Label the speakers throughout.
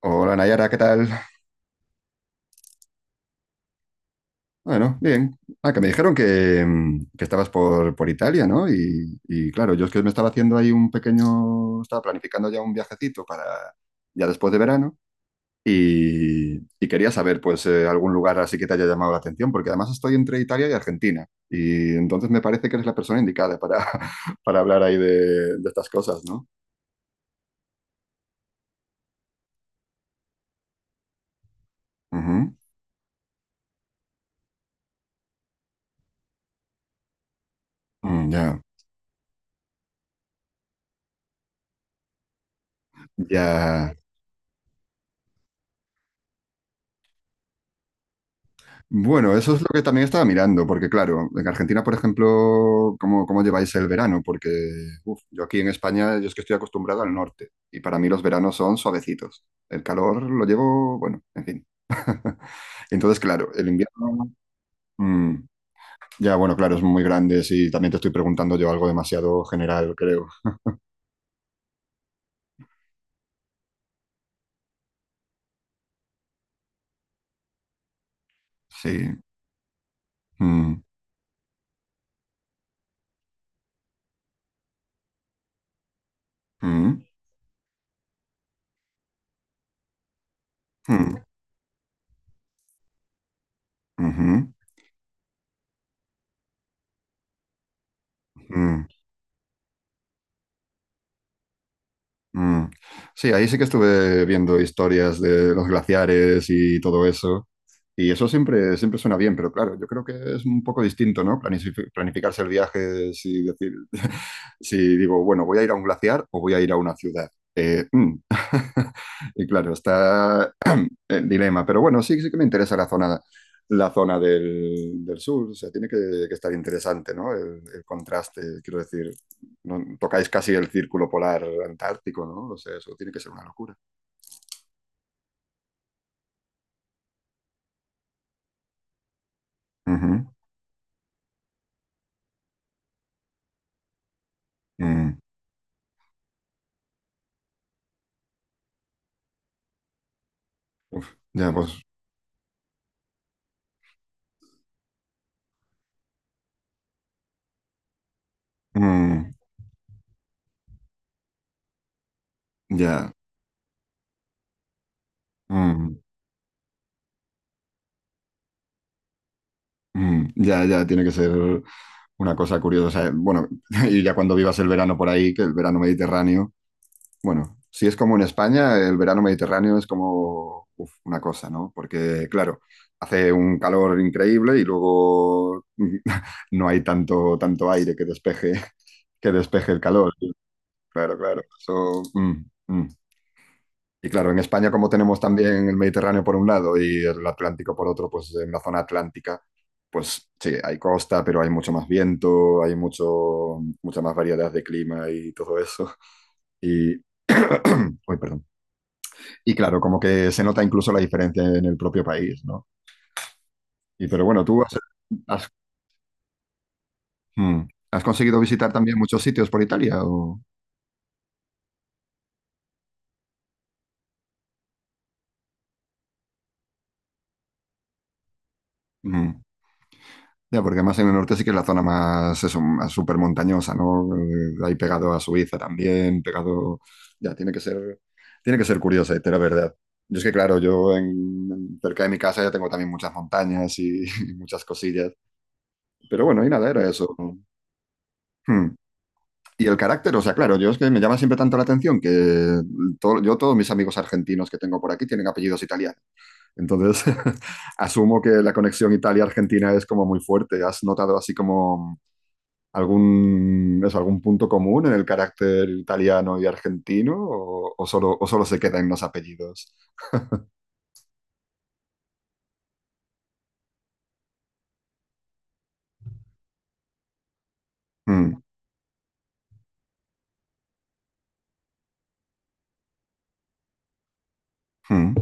Speaker 1: Hola Nayara, ¿qué tal? Bueno, bien. Ah, que me dijeron que, que estabas por Italia, ¿no? Y claro, yo es que me estaba haciendo ahí un pequeño, estaba planificando ya un viajecito para ya después de verano y quería saber pues algún lugar así que te haya llamado la atención, porque además estoy entre Italia y Argentina y entonces me parece que eres la persona indicada para, para hablar ahí de estas cosas, ¿no? Ujú. Mm, ya, ya. Bueno, eso es lo que también estaba mirando, porque claro, en Argentina, por ejemplo, ¿cómo lleváis el verano? Porque uf, yo aquí en España, yo es que estoy acostumbrado al norte y para mí los veranos son suavecitos. El calor lo llevo, bueno, en fin. Entonces, claro, el invierno, mm, ya, bueno, claro, es muy grande, sí, también te estoy preguntando yo algo demasiado general, creo. Sí. Mm, mm, mm, ujú, mm, mm. Sí, ahí sí que estuve viendo historias de los glaciares y todo eso. Y eso siempre, siempre suena bien, pero claro, yo creo que es un poco distinto, ¿no? Planificarse el viaje, si decir, si digo, bueno, voy a ir a un glaciar o voy a ir a una ciudad. Mm. Y claro, está el dilema, pero bueno, sí, sí que me interesa la zona, del sur, o sea, tiene que estar interesante, ¿no? El contraste, quiero decir, tocáis casi el círculo polar antártico, ¿no? O sea, eso tiene que ser una locura. Ujú. Mm. Ya, pues, mm, ya. Mm. Mm, ya, ya, tiene que ser una cosa curiosa. Bueno, y ya cuando vivas el verano por ahí, que el verano mediterráneo, bueno, si es como en España, el verano mediterráneo es como uf, una cosa, ¿no? Porque, claro, hace un calor increíble y luego no hay tanto aire que despeje el calor. Claro, claro. Eso, mm, mm. Y claro, en España, como tenemos también el Mediterráneo por un lado y el Atlántico por otro, pues en la zona atlántica, pues sí, hay costa, pero hay mucho más viento, hay mucho, mucha más variedad de clima y todo eso. Y, uy, perdón. Y claro, como que se nota incluso la diferencia en el propio país, ¿no? Y pero bueno, ¿tú has- mm, ¿has conseguido visitar también muchos sitios por Italia? O? Mm. Ya, porque además en el norte sí que es la zona más, eso, más súper montañosa, ¿no? Ahí pegado a Suiza también, pegado. Ya, tiene que ser curiosa, la verdad. Yo es que, claro, yo cerca de mi casa ya tengo también muchas montañas y, y muchas cosillas. Pero bueno, y nada, era eso. Hmm. Y el carácter, o sea, claro, yo es que me llama siempre tanto la atención que yo todos mis amigos argentinos que tengo por aquí tienen apellidos italianos. Entonces, asumo que la conexión Italia-Argentina es como muy fuerte. ¿Has notado así como algún punto común en el carácter italiano y argentino o, o solo se queda en los apellidos? Mm, mm.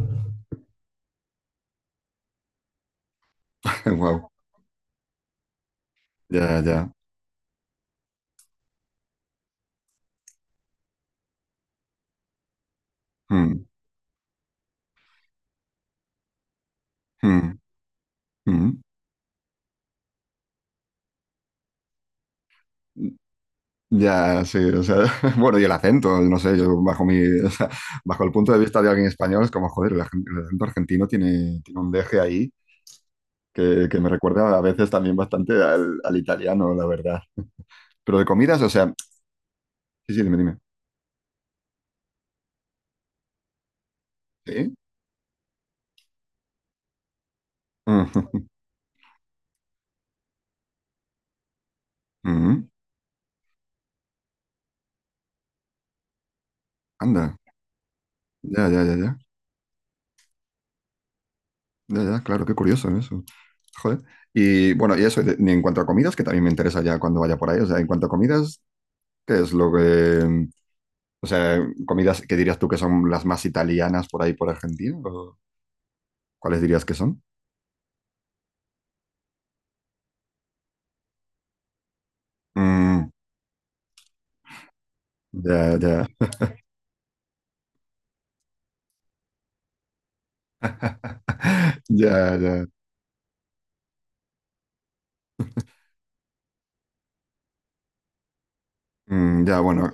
Speaker 1: Wow, ya, ya. Mm, mm, mm. Ya, sí, o sea, bueno, y el acento, no sé, yo bajo mi, o sea, bajo el punto de vista de alguien español es como, joder, el acento argentino tiene un deje ahí que me recuerda a veces también bastante al italiano, la verdad. Pero de comidas, o sea, sí, sí, dime, dime. ¿Sí? Mm, mm, anda. Ya, ya, ya, ya. Ya, ya, claro, qué curioso eso. Joder. Y bueno, y eso, y en cuanto a comidas, que también me interesa ya cuando vaya por ahí. O sea, en cuanto a comidas, ¿qué es lo que. O sea, comidas que dirías tú que son las más italianas por ahí por Argentina? ¿O cuáles dirías que son? Mm, ya, ya, ya, ya. Mm, ya, bueno.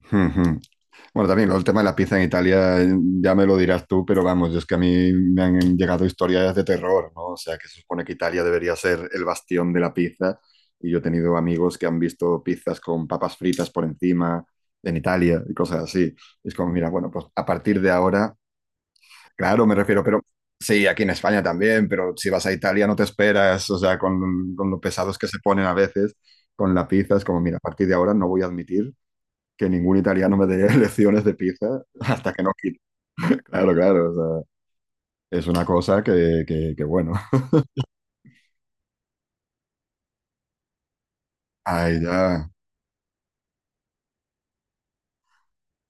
Speaker 1: Bueno, también lo el tema de la pizza en Italia, ya me lo dirás tú, pero vamos, es que a mí me han llegado historias de terror, ¿no? O sea, que se supone que Italia debería ser el bastión de la pizza, y yo he tenido amigos que han visto pizzas con papas fritas por encima en Italia y cosas así. Y es como, mira, bueno, pues a partir de ahora, claro, me refiero, pero sí, aquí en España también, pero si vas a Italia no te esperas, o sea, con lo pesados que se ponen a veces con la pizza, es como, mira, a partir de ahora no voy a admitir que ningún italiano me dé lecciones de pizza hasta que no quite. Claro, claro, o sea, es una cosa que bueno, ay, ya,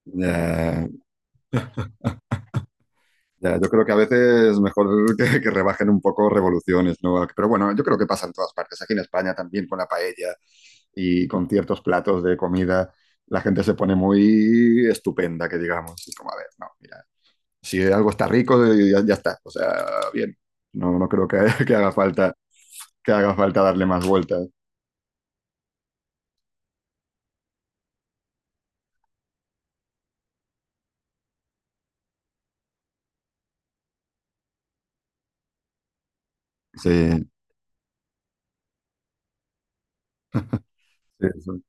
Speaker 1: ya, ya, yo creo que a veces es mejor rebajen un poco revoluciones, ¿no? Pero bueno, yo creo que pasa en todas partes, aquí en España también con la paella y con ciertos platos de comida, la gente se pone muy estupenda, que digamos, y como, a ver, no, mira, si algo está rico, ya, ya está, o sea, bien, no, no creo que, que haga falta que haga falta darle más vueltas. Sí, sí, sí.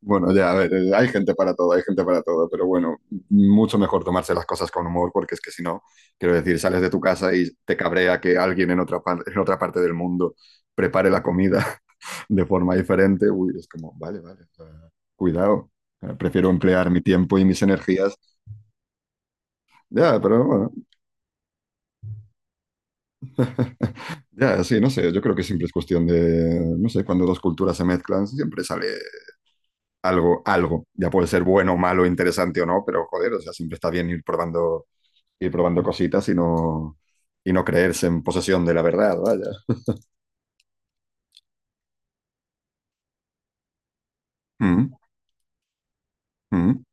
Speaker 1: Bueno, ya, a ver, hay gente para todo, hay gente para todo, pero bueno, mucho mejor tomarse las cosas con humor, porque es que si no, quiero decir, sales de tu casa y te cabrea que alguien en otra parte del mundo prepare la comida de forma diferente. Uy, es como, vale, vale, o sea, cuidado, prefiero emplear mi tiempo y mis energías. Ya, pero bueno, ya, sí, no sé, yo creo que siempre es cuestión de, no sé, cuando dos culturas se mezclan, siempre sale algo, algo. Ya puede ser bueno, malo, interesante o no, pero joder, o sea, siempre está bien ir probando cositas y no creerse en posesión de la verdad, vaya. Mm, mm.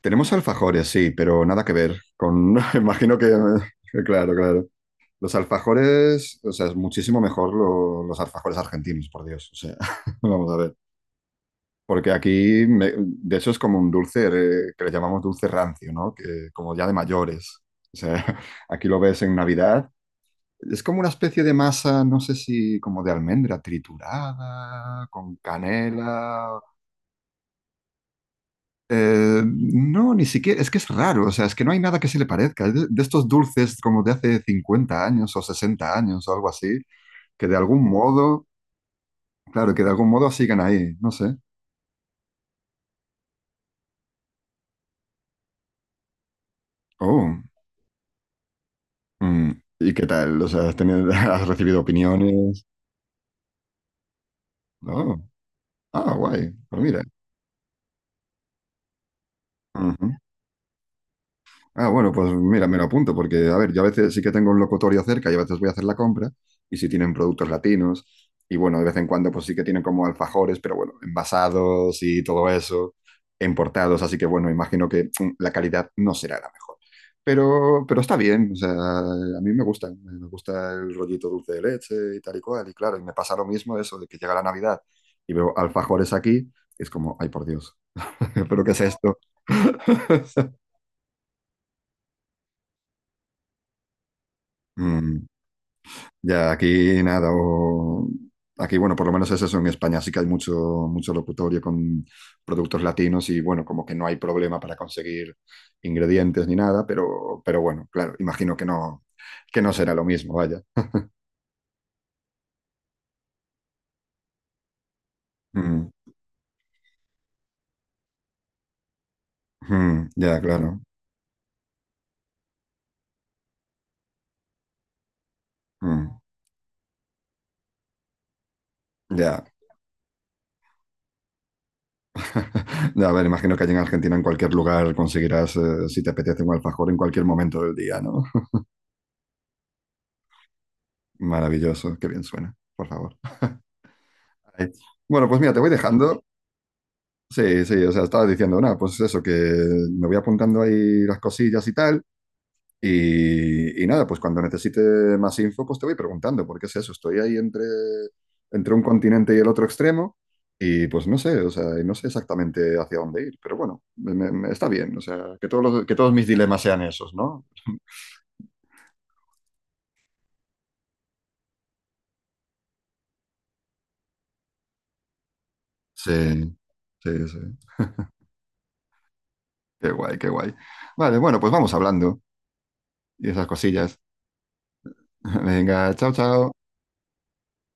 Speaker 1: Tenemos alfajores, sí, pero nada que ver con, imagino que, claro, claro. Los alfajores, o sea, es muchísimo mejor los alfajores argentinos, por Dios, o sea, vamos a ver. Porque aquí, de hecho, es como un dulce que le llamamos dulce rancio, ¿no? Que como ya de mayores. O sea, aquí lo ves en Navidad. Es como una especie de masa, no sé si como de almendra triturada, con canela. No, ni siquiera, es que es raro, o sea, es que no hay nada que se le parezca. Es de estos dulces como de hace 50 años o 60 años o algo así, que de algún modo, claro, que de algún modo sigan ahí, no sé. Oh, mm, ¿y qué tal? O sea, has recibido opiniones? Oh, ah, guay, pues mira. Ujú. Ah, bueno, pues mira, me lo apunto porque, a ver, yo a veces sí que tengo un locutorio cerca y a veces voy a hacer la compra y si tienen productos latinos y bueno, de vez en cuando pues sí que tienen como alfajores, pero bueno, envasados y todo eso, importados, así que bueno, imagino que la calidad no será la mejor. Pero está bien, o sea, a mí me gusta el rollito dulce de leche y tal y cual, y claro, y me pasa lo mismo eso de que llega la Navidad y veo alfajores aquí, es como, ay por Dios, pero ¿qué es esto? Mm, ya, aquí nada, o aquí bueno, por lo menos es eso, en España sí que hay mucho, locutorio con productos latinos y bueno, como que no hay problema para conseguir ingredientes ni nada, pero bueno, claro, imagino que no será lo mismo, vaya. Mm, mm, ya, claro. Mm, ya. Ya, a ver, imagino que allí en Argentina, en cualquier lugar, conseguirás, si te apetece, un alfajor en cualquier momento del día, ¿no? Maravilloso, qué bien suena, por favor. Ay, bueno, pues mira, te voy dejando. Sí, sí, o sea, estaba diciendo, nada, pues eso, que me voy apuntando ahí las cosillas y tal, y nada, pues cuando necesite más info, pues te voy preguntando, porque es eso, estoy ahí entre, un continente y el otro extremo, y pues no sé, o sea, y no sé exactamente hacia dónde ir, pero bueno, está bien, o sea, que que todos mis dilemas sean esos, ¿no? Sí, sí, sí, qué guay, qué guay. Vale, bueno, pues vamos hablando y esas cosillas. Venga, chao, chao.